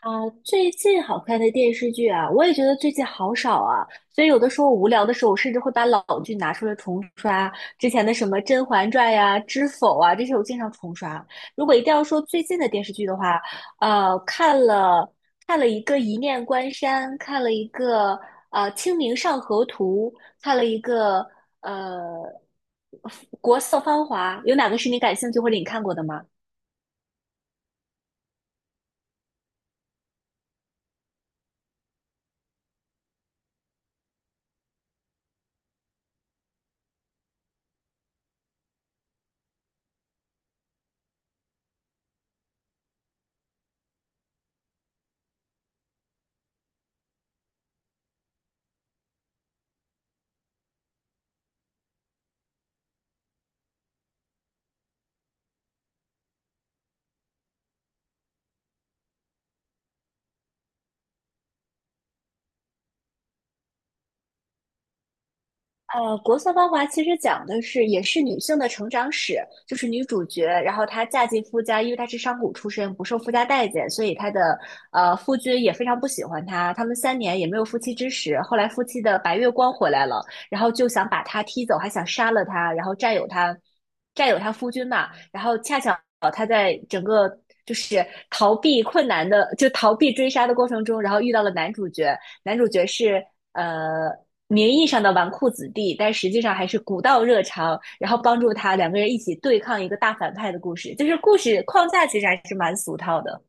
啊，最近好看的电视剧啊，我也觉得最近好少啊，所以有的时候无聊的时候，我甚至会把老剧拿出来重刷，之前的什么《甄嬛传》呀、《知否》啊，这些我经常重刷。如果一定要说最近的电视剧的话，看了一个《一念关山》，看了一个《清明上河图》，看了一个呃《国色芳华》，有哪个是你感兴趣或者你看过的吗？《国色芳华》其实讲的是也是女性的成长史，就是女主角，然后她嫁进夫家，因为她是商贾出身，不受夫家待见，所以她的夫君也非常不喜欢她，他们三年也没有夫妻之实。后来夫妻的白月光回来了，然后就想把她踢走，还想杀了她，然后占有她，占有她夫君嘛。然后恰巧她在整个就是逃避困难的，就逃避追杀的过程中，然后遇到了男主角，男主角是呃名义上的纨绔子弟，但实际上还是古道热肠，然后帮助他两个人一起对抗一个大反派的故事。就是故事框架其实还是蛮俗套的。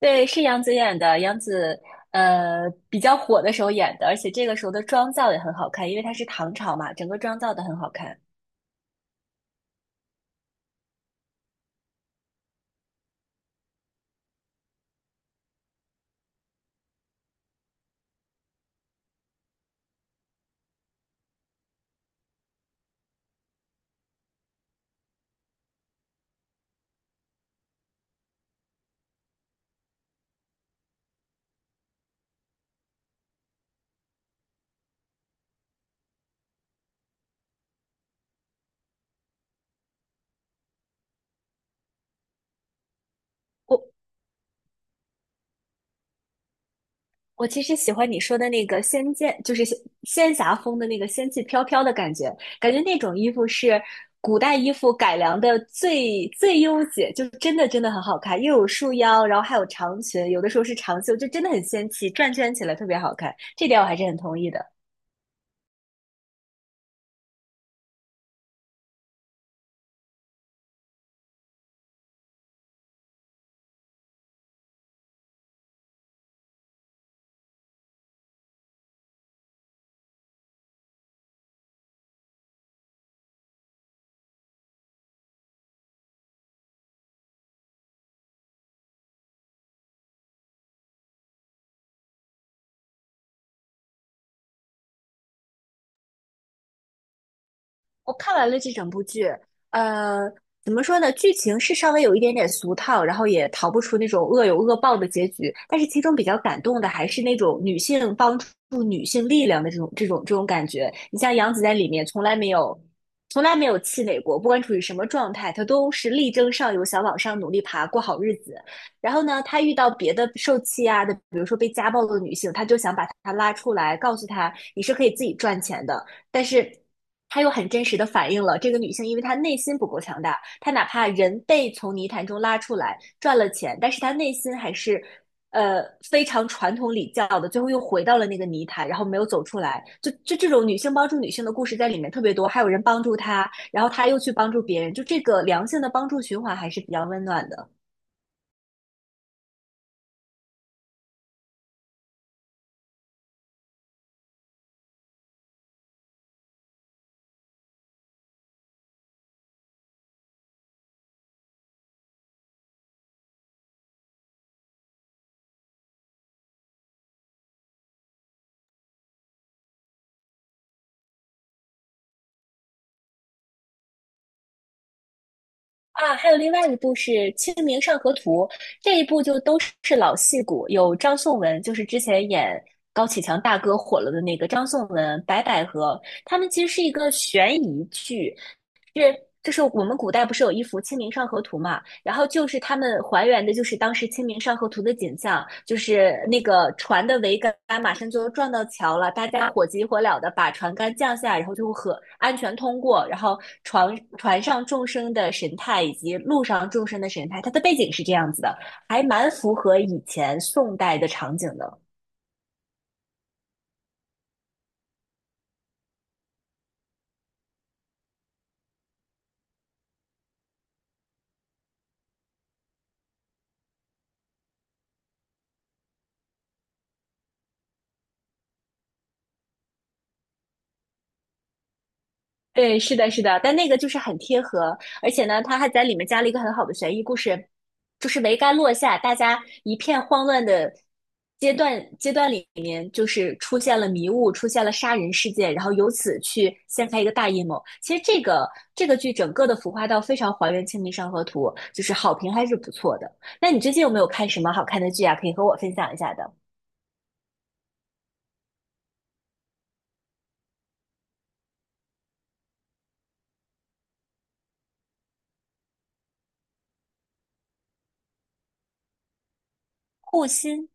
对，是杨紫演的，杨紫比较火的时候演的，而且这个时候的妆造也很好看，因为她是唐朝嘛，整个妆造都很好看。我我其实喜欢你说的那个仙剑，就是仙侠风的那个仙气飘飘的感觉，感觉那种衣服是古代衣服改良的最优解，就真的真的很好看，又有束腰，然后还有长裙，有的时候是长袖，就真的很仙气，转圈起来特别好看，这点我还是很同意的。我看完了这整部剧，呃，怎么说呢？剧情是稍微有一点点俗套，然后也逃不出那种恶有恶报的结局。但是其中比较感动的还是那种女性帮助女性力量的这种感觉。你像杨紫在里面从来没有气馁过，不管处于什么状态，她都是力争上游，想往上努力爬，过好日子。然后呢，她遇到别的受气啊的，比如说被家暴的女性，她就想把她拉出来，告诉她你是可以自己赚钱的。但是他又很真实的反映了这个女性，因为她内心不够强大，她哪怕人被从泥潭中拉出来赚了钱，但是她内心还是呃非常传统礼教的，最后又回到了那个泥潭，然后没有走出来。就这种女性帮助女性的故事在里面特别多，还有人帮助她，然后她又去帮助别人，就这个良性的帮助循环还是比较温暖的。啊，还有另外一部是《清明上河图》，这一部就都是老戏骨，有张颂文，就是之前演高启强大哥火了的那个张颂文、白百合，他们其实是一个悬疑剧，是，就是我们古代不是有一幅《清明上河图》嘛，然后就是他们还原的，就是当时《清明上河图》的景象，就是那个船的桅杆马上就撞到桥了，大家火急火燎的把船杆降下，然后就和安全通过，然后船上众生的神态以及路上众生的神态，它的背景是这样子的，还蛮符合以前宋代的场景的。对，是的，是的，但那个就是很贴合，而且呢，他还在里面加了一个很好的悬疑故事，就是桅杆落下，大家一片慌乱的阶段里面，就是出现了迷雾，出现了杀人事件，然后由此去掀开一个大阴谋。其实这个剧整个的浮夸到非常还原《清明上河图》，就是好评还是不错的。那你最近有没有看什么好看的剧啊？可以和我分享一下的。护心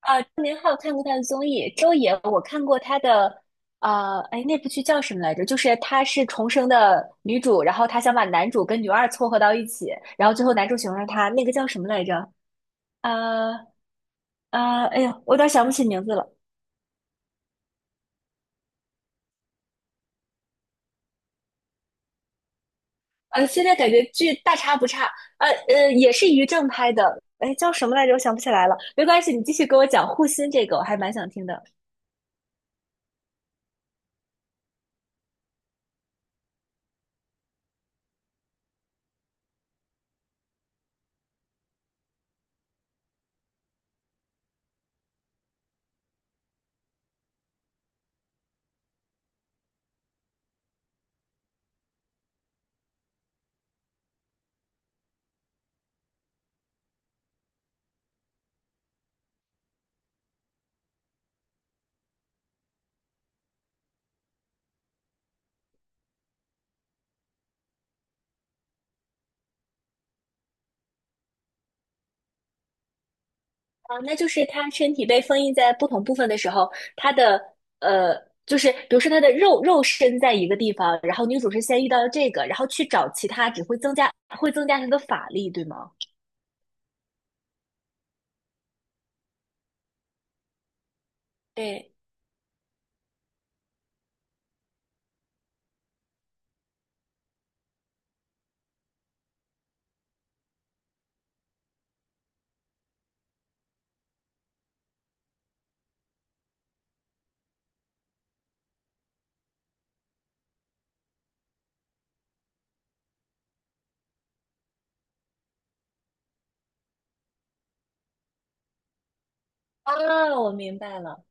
啊，郑明浩看过他的综艺，周也我看过他的，哎，那部剧叫什么来着？就是他是重生的女主，然后他想把男主跟女二撮合到一起，然后最后男主喜欢上她，那个叫什么来着？呃哎呀，我有点想不起名字了。现在感觉剧大差不差，也是于正拍的，哎，叫什么来着？我想不起来了，没关系，你继续给我讲护心这个，我还蛮想听的。啊，那就是它身体被封印在不同部分的时候，它的呃，就是比如说它的肉身在一个地方，然后女主是先遇到了这个，然后去找其他，只会增加她的法力，对吗？对，啊，我明白了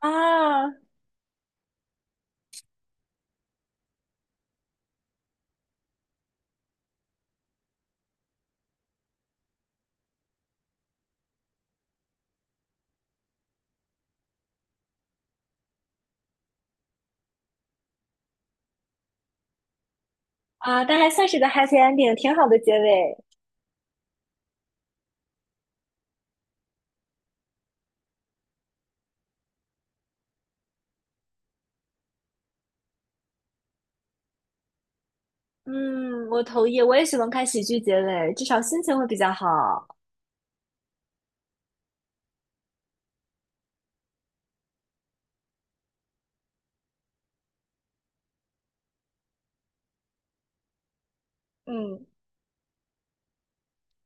啊啊，那还算是个 happy ending，挺好的结尾。嗯，我同意，我也喜欢看喜剧结尾，至少心情会比较好。嗯，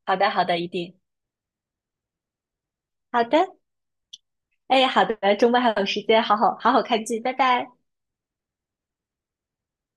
好的，好的，一定。好的，哎，好的，周末还有时间，好好好好看剧，拜拜。